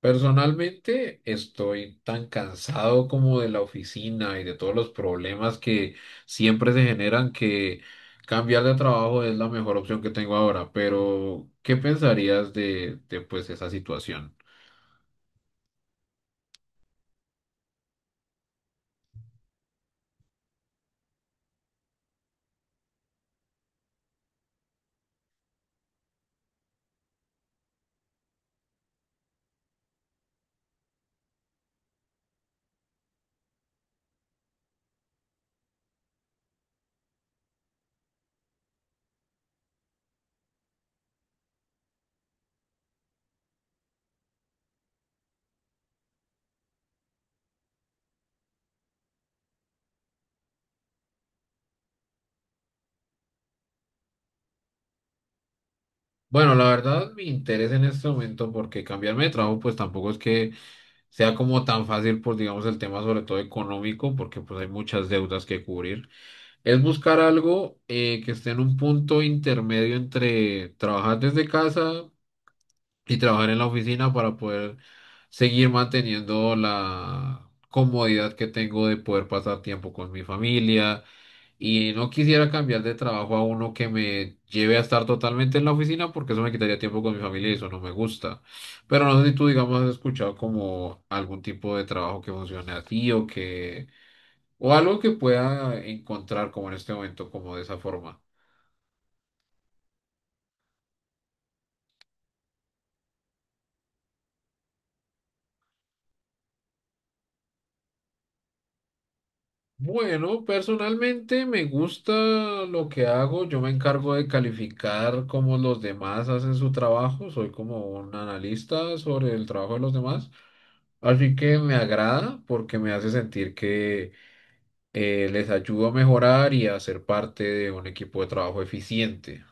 Personalmente estoy tan cansado como de la oficina y de todos los problemas que siempre se generan que cambiar de trabajo es la mejor opción que tengo ahora. Pero, ¿qué pensarías de esa situación? Bueno, la verdad me interesa en este momento porque cambiarme de trabajo pues tampoco es que sea como tan fácil por, digamos, el tema sobre todo económico, porque pues hay muchas deudas que cubrir. Es buscar algo que esté en un punto intermedio entre trabajar desde casa y trabajar en la oficina para poder seguir manteniendo la comodidad que tengo de poder pasar tiempo con mi familia, y no quisiera cambiar de trabajo a uno que me lleve a estar totalmente en la oficina, porque eso me quitaría tiempo con mi familia y eso no me gusta. Pero no sé si tú, digamos, has escuchado como algún tipo de trabajo que funcione así, o algo que pueda encontrar como en este momento, como de esa forma. Bueno, personalmente me gusta lo que hago. Yo me encargo de calificar cómo los demás hacen su trabajo. Soy como un analista sobre el trabajo de los demás. Así que me agrada porque me hace sentir que les ayudo a mejorar y a ser parte de un equipo de trabajo eficiente.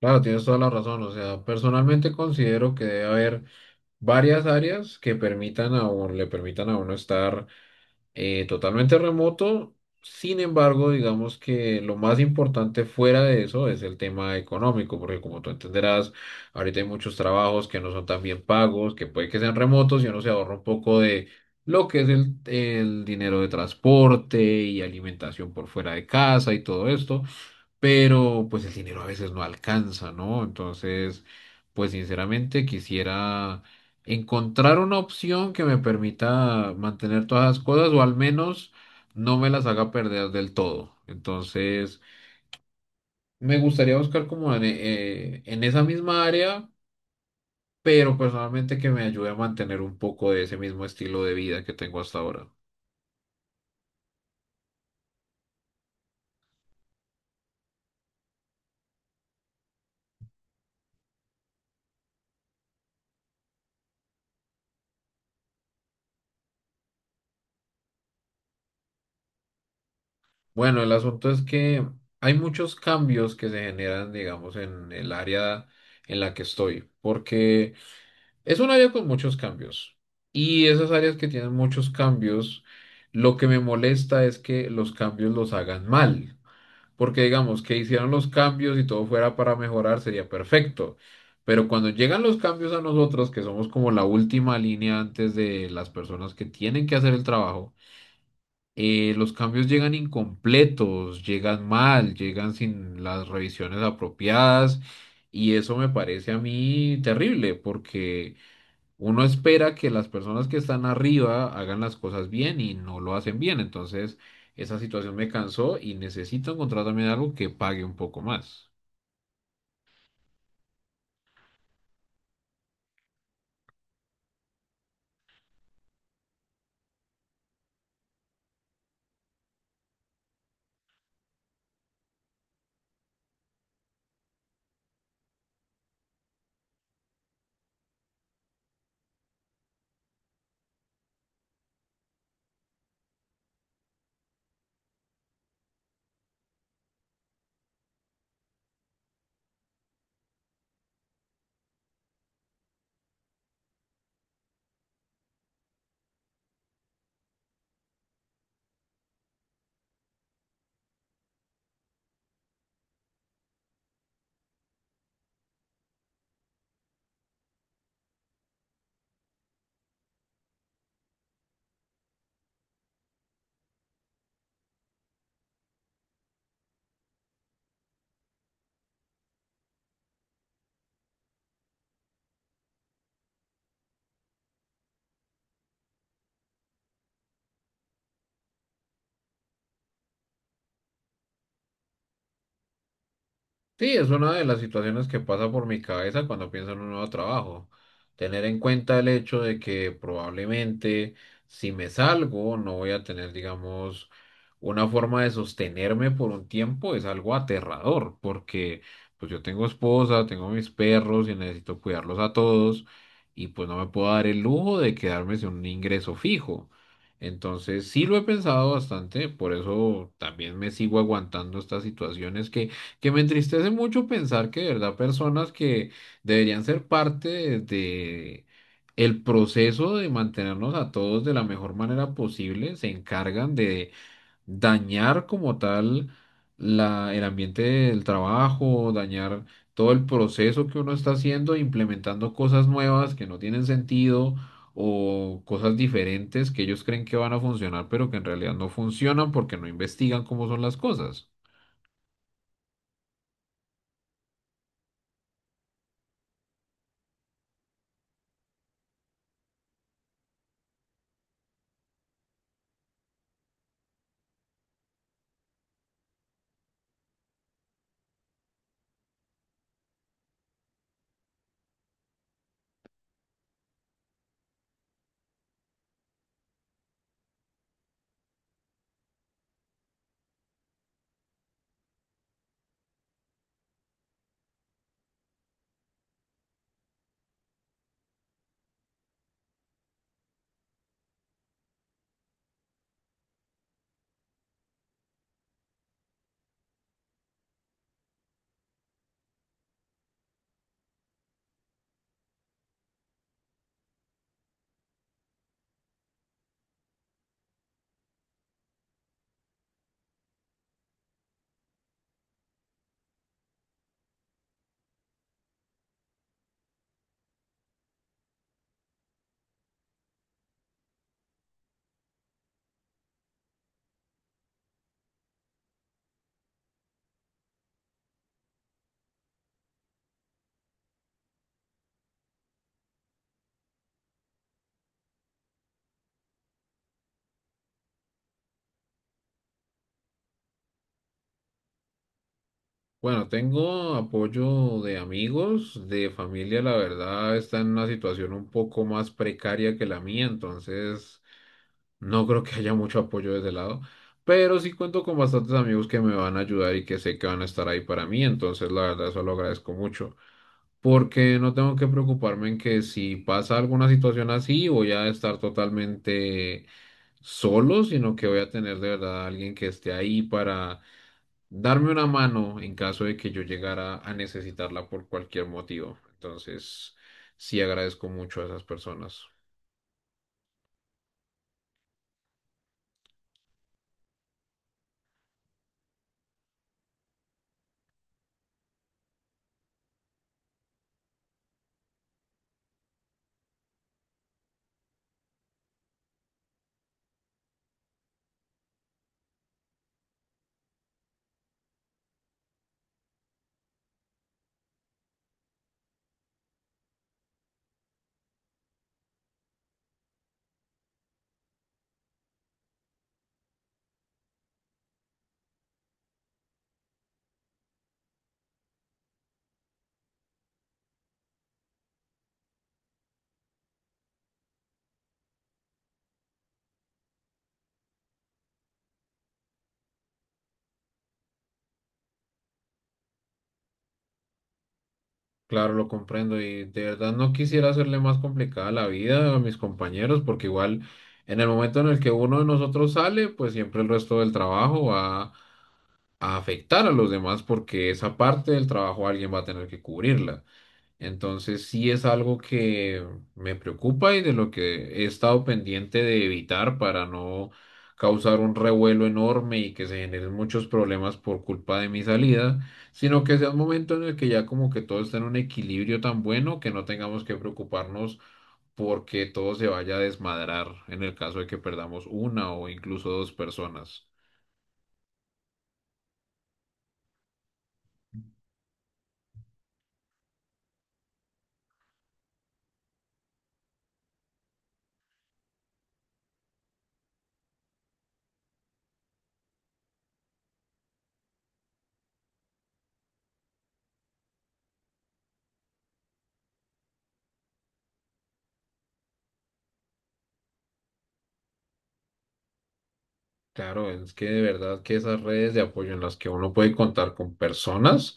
Claro, tienes toda la razón. O sea, personalmente considero que debe haber varias áreas que le permitan a uno estar totalmente remoto. Sin embargo, digamos que lo más importante fuera de eso es el tema económico, porque como tú entenderás, ahorita hay muchos trabajos que no son tan bien pagos, que puede que sean remotos y uno se ahorra un poco de lo que es el dinero de transporte y alimentación por fuera de casa y todo esto. Pero pues el dinero a veces no alcanza, ¿no? Entonces, pues sinceramente quisiera encontrar una opción que me permita mantener todas las cosas, o al menos no me las haga perder del todo. Entonces, me gustaría buscar como en esa misma área, pero personalmente que me ayude a mantener un poco de ese mismo estilo de vida que tengo hasta ahora. Bueno, el asunto es que hay muchos cambios que se generan, digamos, en el área en la que estoy, porque es un área con muchos cambios. Y esas áreas que tienen muchos cambios, lo que me molesta es que los cambios los hagan mal, porque digamos que hicieron los cambios y todo fuera para mejorar, sería perfecto. Pero cuando llegan los cambios a nosotros, que somos como la última línea antes de las personas que tienen que hacer el trabajo, los cambios llegan incompletos, llegan mal, llegan sin las revisiones apropiadas, y eso me parece a mí terrible porque uno espera que las personas que están arriba hagan las cosas bien y no lo hacen bien. Entonces, esa situación me cansó y necesito encontrar también algo que pague un poco más. Sí, es una de las situaciones que pasa por mi cabeza cuando pienso en un nuevo trabajo. Tener en cuenta el hecho de que probablemente si me salgo no voy a tener, digamos, una forma de sostenerme por un tiempo, es algo aterrador, porque pues yo tengo esposa, tengo mis perros y necesito cuidarlos a todos, y pues no me puedo dar el lujo de quedarme sin un ingreso fijo. Entonces sí lo he pensado bastante, por eso también me sigo aguantando estas situaciones que me entristece mucho pensar que de verdad personas que deberían ser parte de el proceso de mantenernos a todos de la mejor manera posible, se encargan de dañar como tal el ambiente del trabajo, dañar todo el proceso que uno está haciendo, implementando cosas nuevas que no tienen sentido o cosas diferentes que ellos creen que van a funcionar, pero que en realidad no funcionan porque no investigan cómo son las cosas. Bueno, tengo apoyo de amigos, de familia. La verdad está en una situación un poco más precaria que la mía, entonces no creo que haya mucho apoyo de ese lado, pero sí cuento con bastantes amigos que me van a ayudar y que sé que van a estar ahí para mí. Entonces la verdad eso lo agradezco mucho, porque no tengo que preocuparme en que si pasa alguna situación así voy a estar totalmente solo, sino que voy a tener de verdad a alguien que esté ahí para darme una mano en caso de que yo llegara a necesitarla por cualquier motivo. Entonces, sí agradezco mucho a esas personas. Claro, lo comprendo y de verdad no quisiera hacerle más complicada la vida a mis compañeros, porque igual en el momento en el que uno de nosotros sale, pues siempre el resto del trabajo va a afectar a los demás, porque esa parte del trabajo alguien va a tener que cubrirla. Entonces sí es algo que me preocupa y de lo que he estado pendiente de evitar, para no causar un revuelo enorme y que se generen muchos problemas por culpa de mi salida, sino que sea un momento en el que ya como que todo está en un equilibrio tan bueno que no tengamos que preocuparnos porque todo se vaya a desmadrar en el caso de que perdamos una o incluso dos personas. Claro, es que de verdad que esas redes de apoyo en las que uno puede contar con personas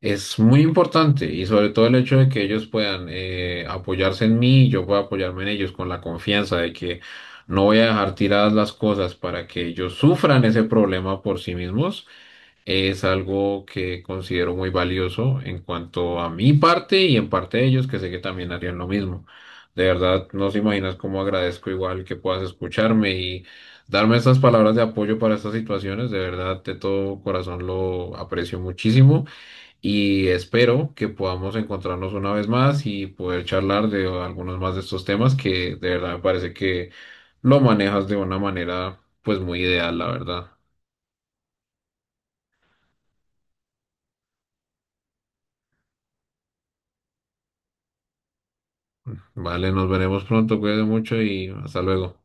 es muy importante, y sobre todo el hecho de que ellos puedan apoyarse en mí y yo pueda apoyarme en ellos con la confianza de que no voy a dejar tiradas las cosas para que ellos sufran ese problema por sí mismos, es algo que considero muy valioso en cuanto a mi parte y en parte de ellos, que sé que también harían lo mismo. De verdad, no se imaginas cómo agradezco igual que puedas escucharme y darme estas palabras de apoyo para estas situaciones. De verdad, de todo corazón lo aprecio muchísimo, y espero que podamos encontrarnos una vez más y poder charlar de algunos más de estos temas, que de verdad me parece que lo manejas de una manera pues muy ideal, la verdad. Vale, nos veremos pronto, cuídate mucho y hasta luego.